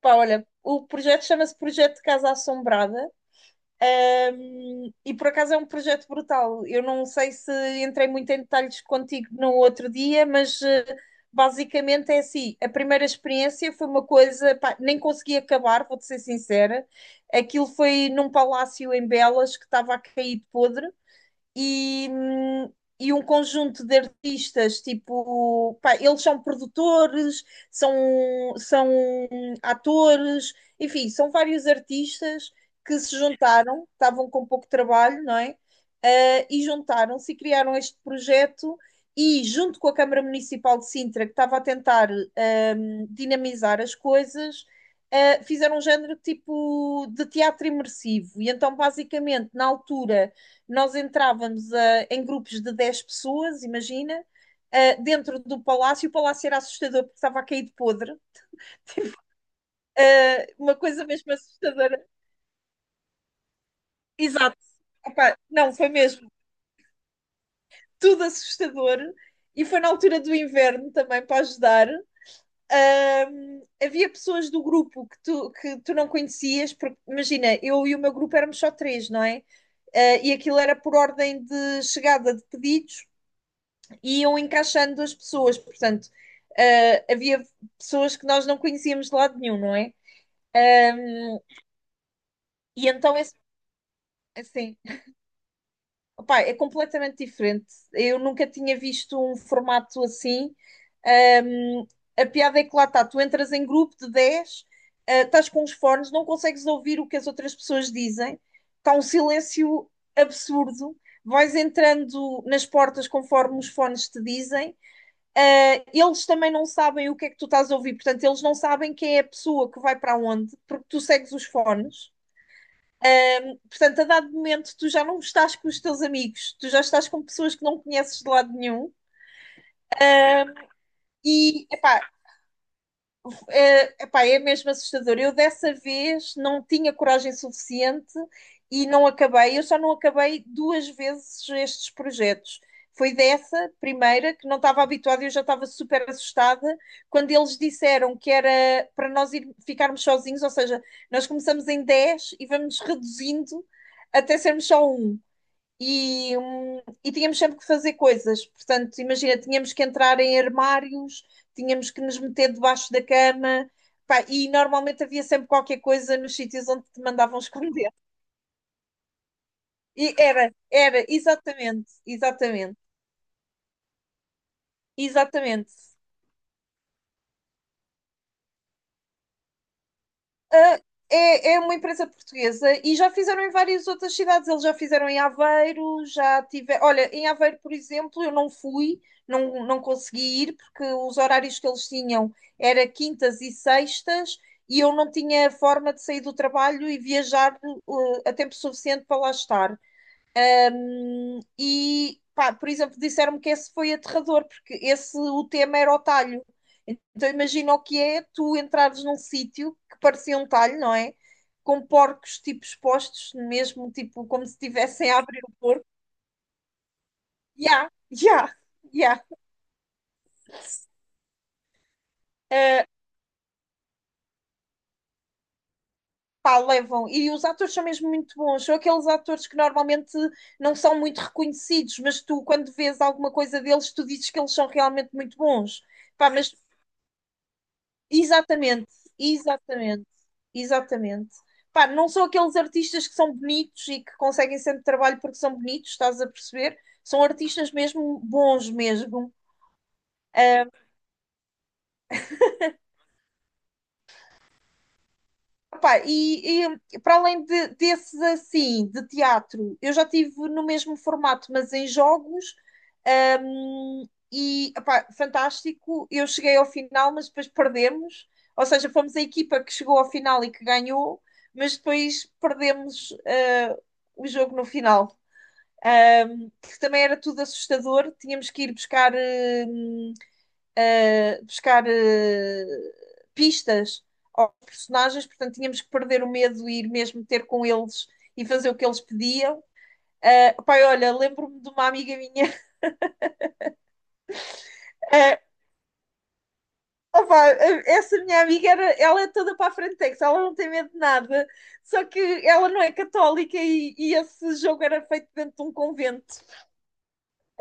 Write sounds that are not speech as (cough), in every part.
Pá, olha, o projeto chama-se Projeto Casa Assombrada, e por acaso é um projeto brutal. Eu não sei se entrei muito em detalhes contigo no outro dia, mas basicamente é assim: a primeira experiência foi uma coisa, pá, nem consegui acabar, vou-te ser sincera. Aquilo foi num palácio em Belas que estava a cair de podre e, e um conjunto de artistas, tipo, pá, eles são produtores, são, são atores, enfim, são vários artistas que se juntaram, estavam com pouco trabalho, não é? E juntaram-se e criaram este projeto. E junto com a Câmara Municipal de Sintra, que estava a tentar dinamizar as coisas, fizeram um género tipo de teatro imersivo. E então, basicamente, na altura, nós entrávamos em grupos de 10 pessoas, imagina, dentro do palácio. O palácio era assustador porque estava a cair de podre. Uma coisa mesmo assustadora. Exato. Epá, não, foi mesmo tudo assustador. E foi na altura do inverno também para ajudar. Havia pessoas do grupo que tu, não conhecias, porque imagina, eu e o meu grupo éramos só três, não é? E aquilo era por ordem de chegada de pedidos e iam encaixando as pessoas. Portanto, havia pessoas que nós não conhecíamos de lado nenhum, não é? Um, e então, é assim, opa, é completamente diferente. Eu nunca tinha visto um formato assim. Um, a piada é que lá está, tu entras em grupo de 10, estás com os fones, não consegues ouvir o que as outras pessoas dizem, está um silêncio absurdo. Vais entrando nas portas conforme os fones te dizem. Eles também não sabem o que é que tu estás a ouvir, portanto, eles não sabem quem é a pessoa que vai para onde, porque tu segues os fones. Portanto, a dado momento, tu já não estás com os teus amigos, tu já estás com pessoas que não conheces de lado nenhum. E, epá, é mesmo assustador. Eu dessa vez não tinha coragem suficiente e não acabei. Eu só não acabei duas vezes estes projetos. Foi dessa primeira que não estava habituada, eu já estava super assustada quando eles disseram que era para nós ir, ficarmos sozinhos, ou seja, nós começamos em 10 e vamos reduzindo até sermos só um e tínhamos sempre que fazer coisas. Portanto, imagina, tínhamos que entrar em armários, tínhamos que nos meter debaixo da cama, pá, e normalmente havia sempre qualquer coisa nos sítios onde te mandavam (laughs) esconder. E era, exatamente, exatamente, exatamente. Ah, é uma empresa portuguesa e já fizeram em várias outras cidades. Eles já fizeram em Aveiro, já tive. Olha, em Aveiro, por exemplo, eu não fui, não, não consegui ir, porque os horários que eles tinham era quintas e sextas e eu não tinha forma de sair do trabalho e viajar, a tempo suficiente para lá estar. Pá, por exemplo, disseram-me que esse foi aterrador, porque esse, o tema era o talho. Então imagina o que é tu entrares num sítio que parecia um talho, não é? Com porcos, tipo, expostos, mesmo, tipo, como se estivessem a abrir o porco. Ya, ya, ya. Uh, Pá, levam. E os atores são mesmo muito bons. São aqueles atores que normalmente não são muito reconhecidos, mas tu, quando vês alguma coisa deles, tu dizes que eles são realmente muito bons. Pá, mas Exatamente, exatamente, exatamente. Pá, não são aqueles artistas que são bonitos e que conseguem sempre trabalho porque são bonitos, estás a perceber? São artistas mesmo bons mesmo. Pá, e para além desses assim, de teatro, eu já tive no mesmo formato, mas em jogos, e pá, fantástico. Eu cheguei ao final, mas depois perdemos. Ou seja, fomos a equipa que chegou ao final e que ganhou, mas depois perdemos, o jogo no final. Que também era tudo assustador, tínhamos que ir hum, buscar pistas aos personagens, portanto tínhamos que perder o medo e ir mesmo ter com eles e fazer o que eles pediam. Pai, olha, lembro-me de uma amiga minha. (laughs) Uh, Essa minha amiga era, ela é toda para a frentex, ela não tem medo de nada, só que ela não é católica e esse jogo era feito dentro de um convento.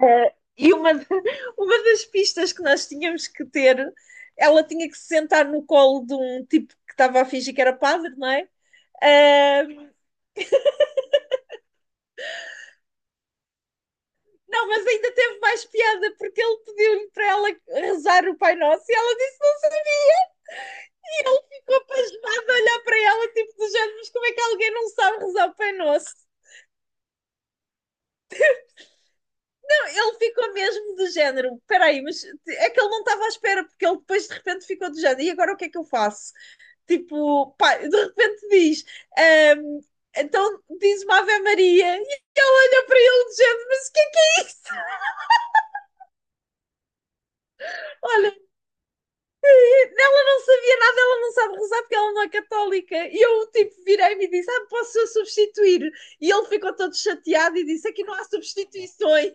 E uma, (laughs) uma das pistas que nós tínhamos que ter, ela tinha que se sentar no colo de um tipo que estava a fingir que era padre, não é? Ah, não, mas ainda teve mais piada porque ele pediu-lhe para ela rezar o Pai Nosso e ela disse que não sabia. E ele ficou pasmado a olhar para ela tipo do género, mas como é que alguém não sabe rezar o Pai Nosso? Não, ele ficou mesmo do género, peraí, mas é que ele não estava à espera porque ele depois de repente ficou do género e agora o que é que eu faço? Tipo, pá, de repente diz. ehm, então diz uma Ave Maria e ele olha para ele dizendo mas o que é isso? Olha, ela não sabia nada, ela não sabe rezar porque ela não é católica. E eu tipo virei-me e disse, ah, posso eu substituir? E ele ficou todo chateado e disse, aqui não há substituições.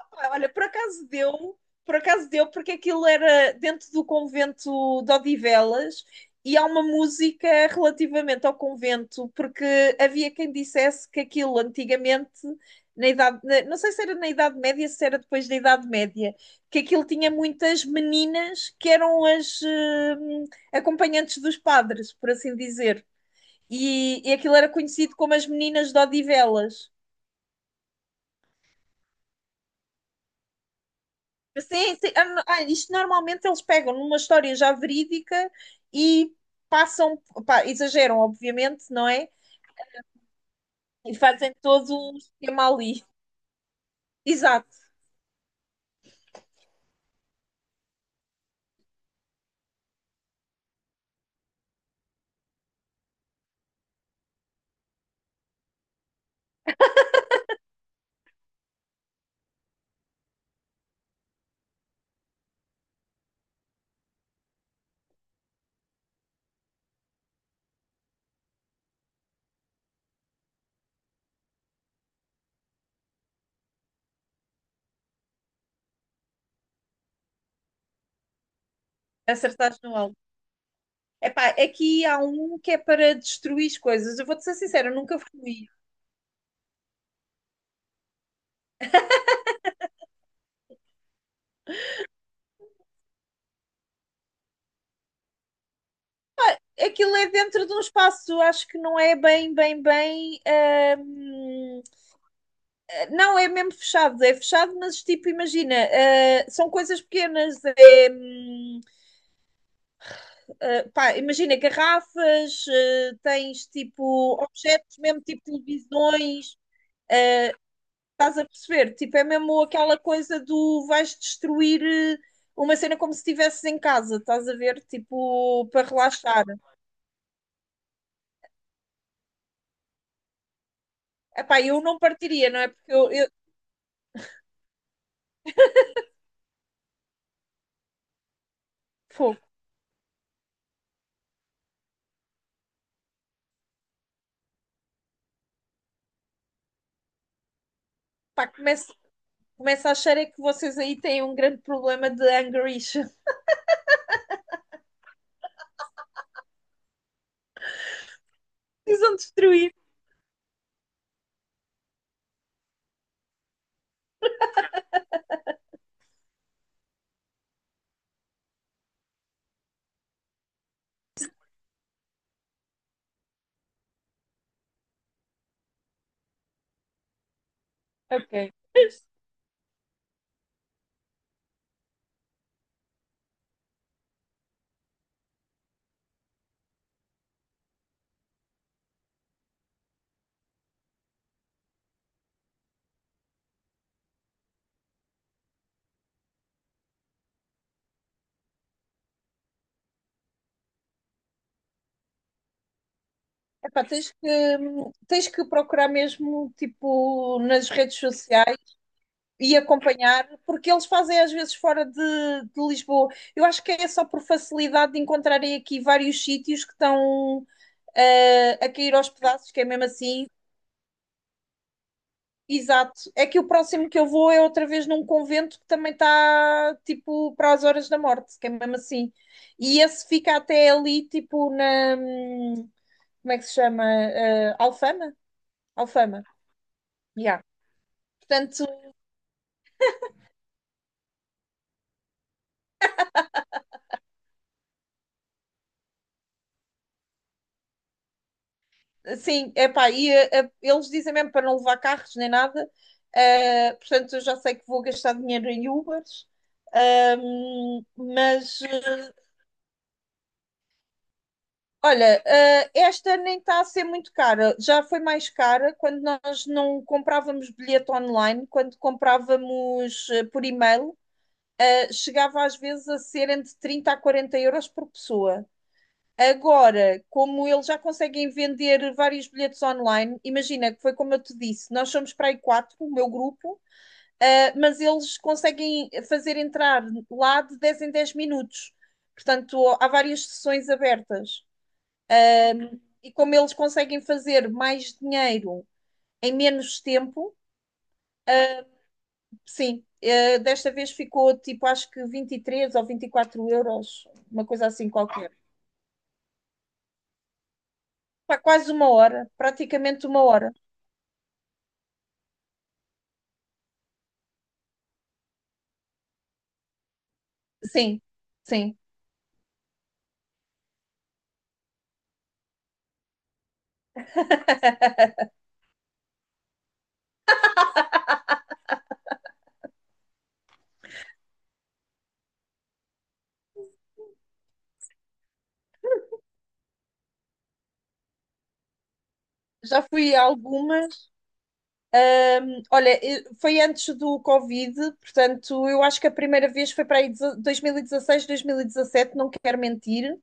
Pá, olha, por acaso deu, porque aquilo era dentro do convento de Odivelas e há uma música relativamente ao convento, porque havia quem dissesse que aquilo antigamente, não sei se era na Idade Média, se era depois da Idade Média, que aquilo tinha muitas meninas que eram as acompanhantes dos padres, por assim dizer. E aquilo era conhecido como as meninas de Odivelas. Sim, sim. Isto normalmente eles pegam numa história já verídica e passam, pá, exageram, obviamente, não é? E fazem todo um esquema ali. Exato, acertaste no alvo. Epá, aqui há um que é para destruir as coisas. Eu vou-te ser sincera, eu nunca fui. Aquilo é dentro de um espaço, acho que não é bem, bem, bem. hum, não, é mesmo fechado, é fechado, mas tipo, imagina, são coisas pequenas. É, pá, imagina garrafas, tens tipo objetos, mesmo tipo televisões, estás a perceber? Tipo, é mesmo aquela coisa do vais destruir uma cena como se estivesses em casa, estás a ver? Tipo, para relaxar. Epá, eu não partiria, não é? Porque eu pô, pá, começo, começo a achar é que vocês aí têm um grande problema de anger issue. (laughs) Precisam destruir. Ok. Epá, tens que procurar mesmo, tipo, nas redes sociais e acompanhar, porque eles fazem às vezes fora de Lisboa. Eu acho que é só por facilidade de encontrarem aqui vários sítios que estão a cair aos pedaços, que é mesmo assim. Exato. É que o próximo que eu vou é outra vez num convento que também está tipo para as horas da morte, que é mesmo assim. E esse fica até ali, tipo, na. Como é que se chama? Alfama? Alfama. Yeah. Portanto, sim, epá, e eles dizem mesmo para não levar carros nem nada, portanto eu já sei que vou gastar dinheiro em Ubers. Mas olha, esta nem está a ser muito cara, já foi mais cara quando nós não comprávamos bilhete online, quando comprávamos por e-mail, chegava às vezes a ser entre 30 a 40 euros por pessoa. Agora, como eles já conseguem vender vários bilhetes online, imagina que foi como eu te disse, nós somos para aí quatro, o meu grupo, mas eles conseguem fazer entrar lá de 10 em 10 minutos. Portanto, há várias sessões abertas. E como eles conseguem fazer mais dinheiro em menos tempo, sim, desta vez ficou tipo, acho que 23 ou 24 euros, uma coisa assim qualquer. Pá, quase uma hora, praticamente uma hora. Sim, sim. Já fui a algumas. Olha, foi antes do Covid, portanto, eu acho que a primeira vez foi para aí 2016, 2017, não quero mentir.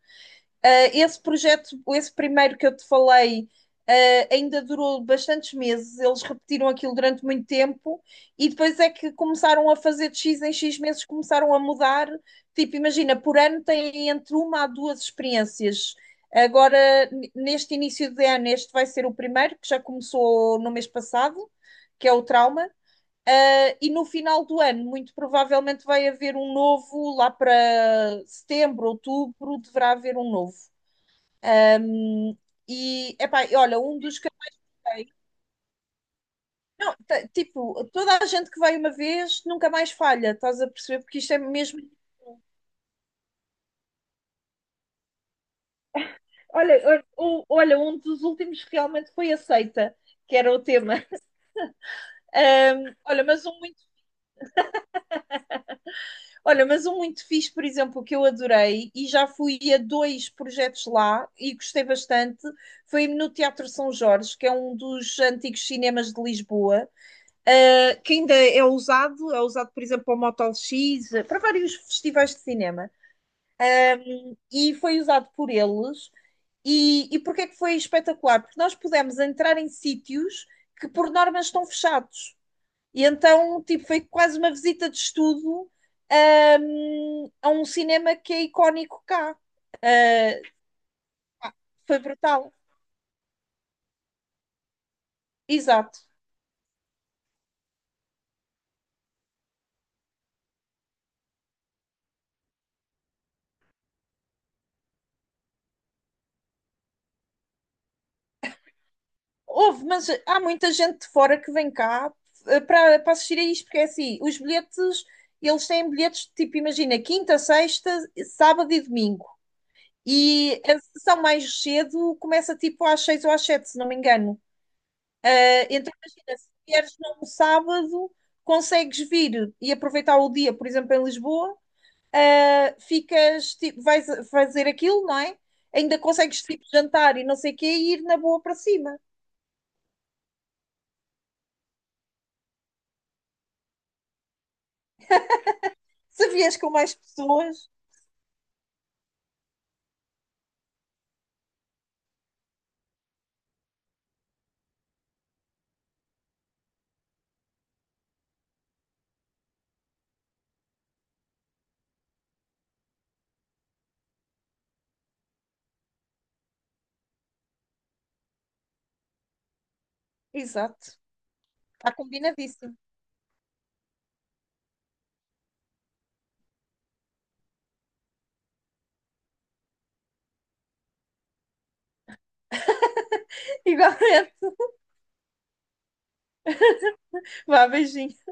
Esse projeto, esse primeiro que eu te falei, ainda durou bastantes meses. Eles repetiram aquilo durante muito tempo e depois é que começaram a fazer de X em X meses, começaram a mudar. Tipo, imagina, por ano têm entre uma a duas experiências. Agora, neste início de ano, este vai ser o primeiro, que já começou no mês passado, que é o trauma. E no final do ano, muito provavelmente vai haver um novo, lá para setembro, outubro, deverá haver um novo. Hum, E, epá, e olha, um dos que não, tipo, toda a gente que vai uma vez nunca mais falha, estás a perceber? Porque isto é mesmo. Olha, olha, olha, um dos últimos que realmente foi aceita, que era o tema. Ahm, olha, mas um muito, olha, mas um muito fixe, por exemplo, que eu adorei e já fui a dois projetos lá e gostei bastante, foi no Teatro São Jorge, que é um dos antigos cinemas de Lisboa. Que ainda é usado, por exemplo, para o Motel X, para vários festivais de cinema, e foi usado por eles. E porquê é que foi espetacular? Porque nós pudemos entrar em sítios que, por norma, estão fechados. E então, tipo, foi quase uma visita de estudo a um cinema que é icónico cá. Uh, Foi brutal. Exato. Houve, mas há muita gente de fora que vem cá para assistir a isto, porque é assim, os bilhetes, eles têm bilhetes de tipo, imagina, quinta, sexta, sábado e domingo. E a sessão mais cedo começa tipo às seis ou às sete, se não me engano. Então imagina, se vieres num sábado, consegues vir e aproveitar o dia, por exemplo, em Lisboa, ficas, tipo, fazer aquilo, não é? Ainda consegues tipo jantar e não sei o quê e ir na boa para cima. Se vieres com mais pessoas, exato. Está combinadíssimo. (laughs) Igualmente. Vá, beijinho.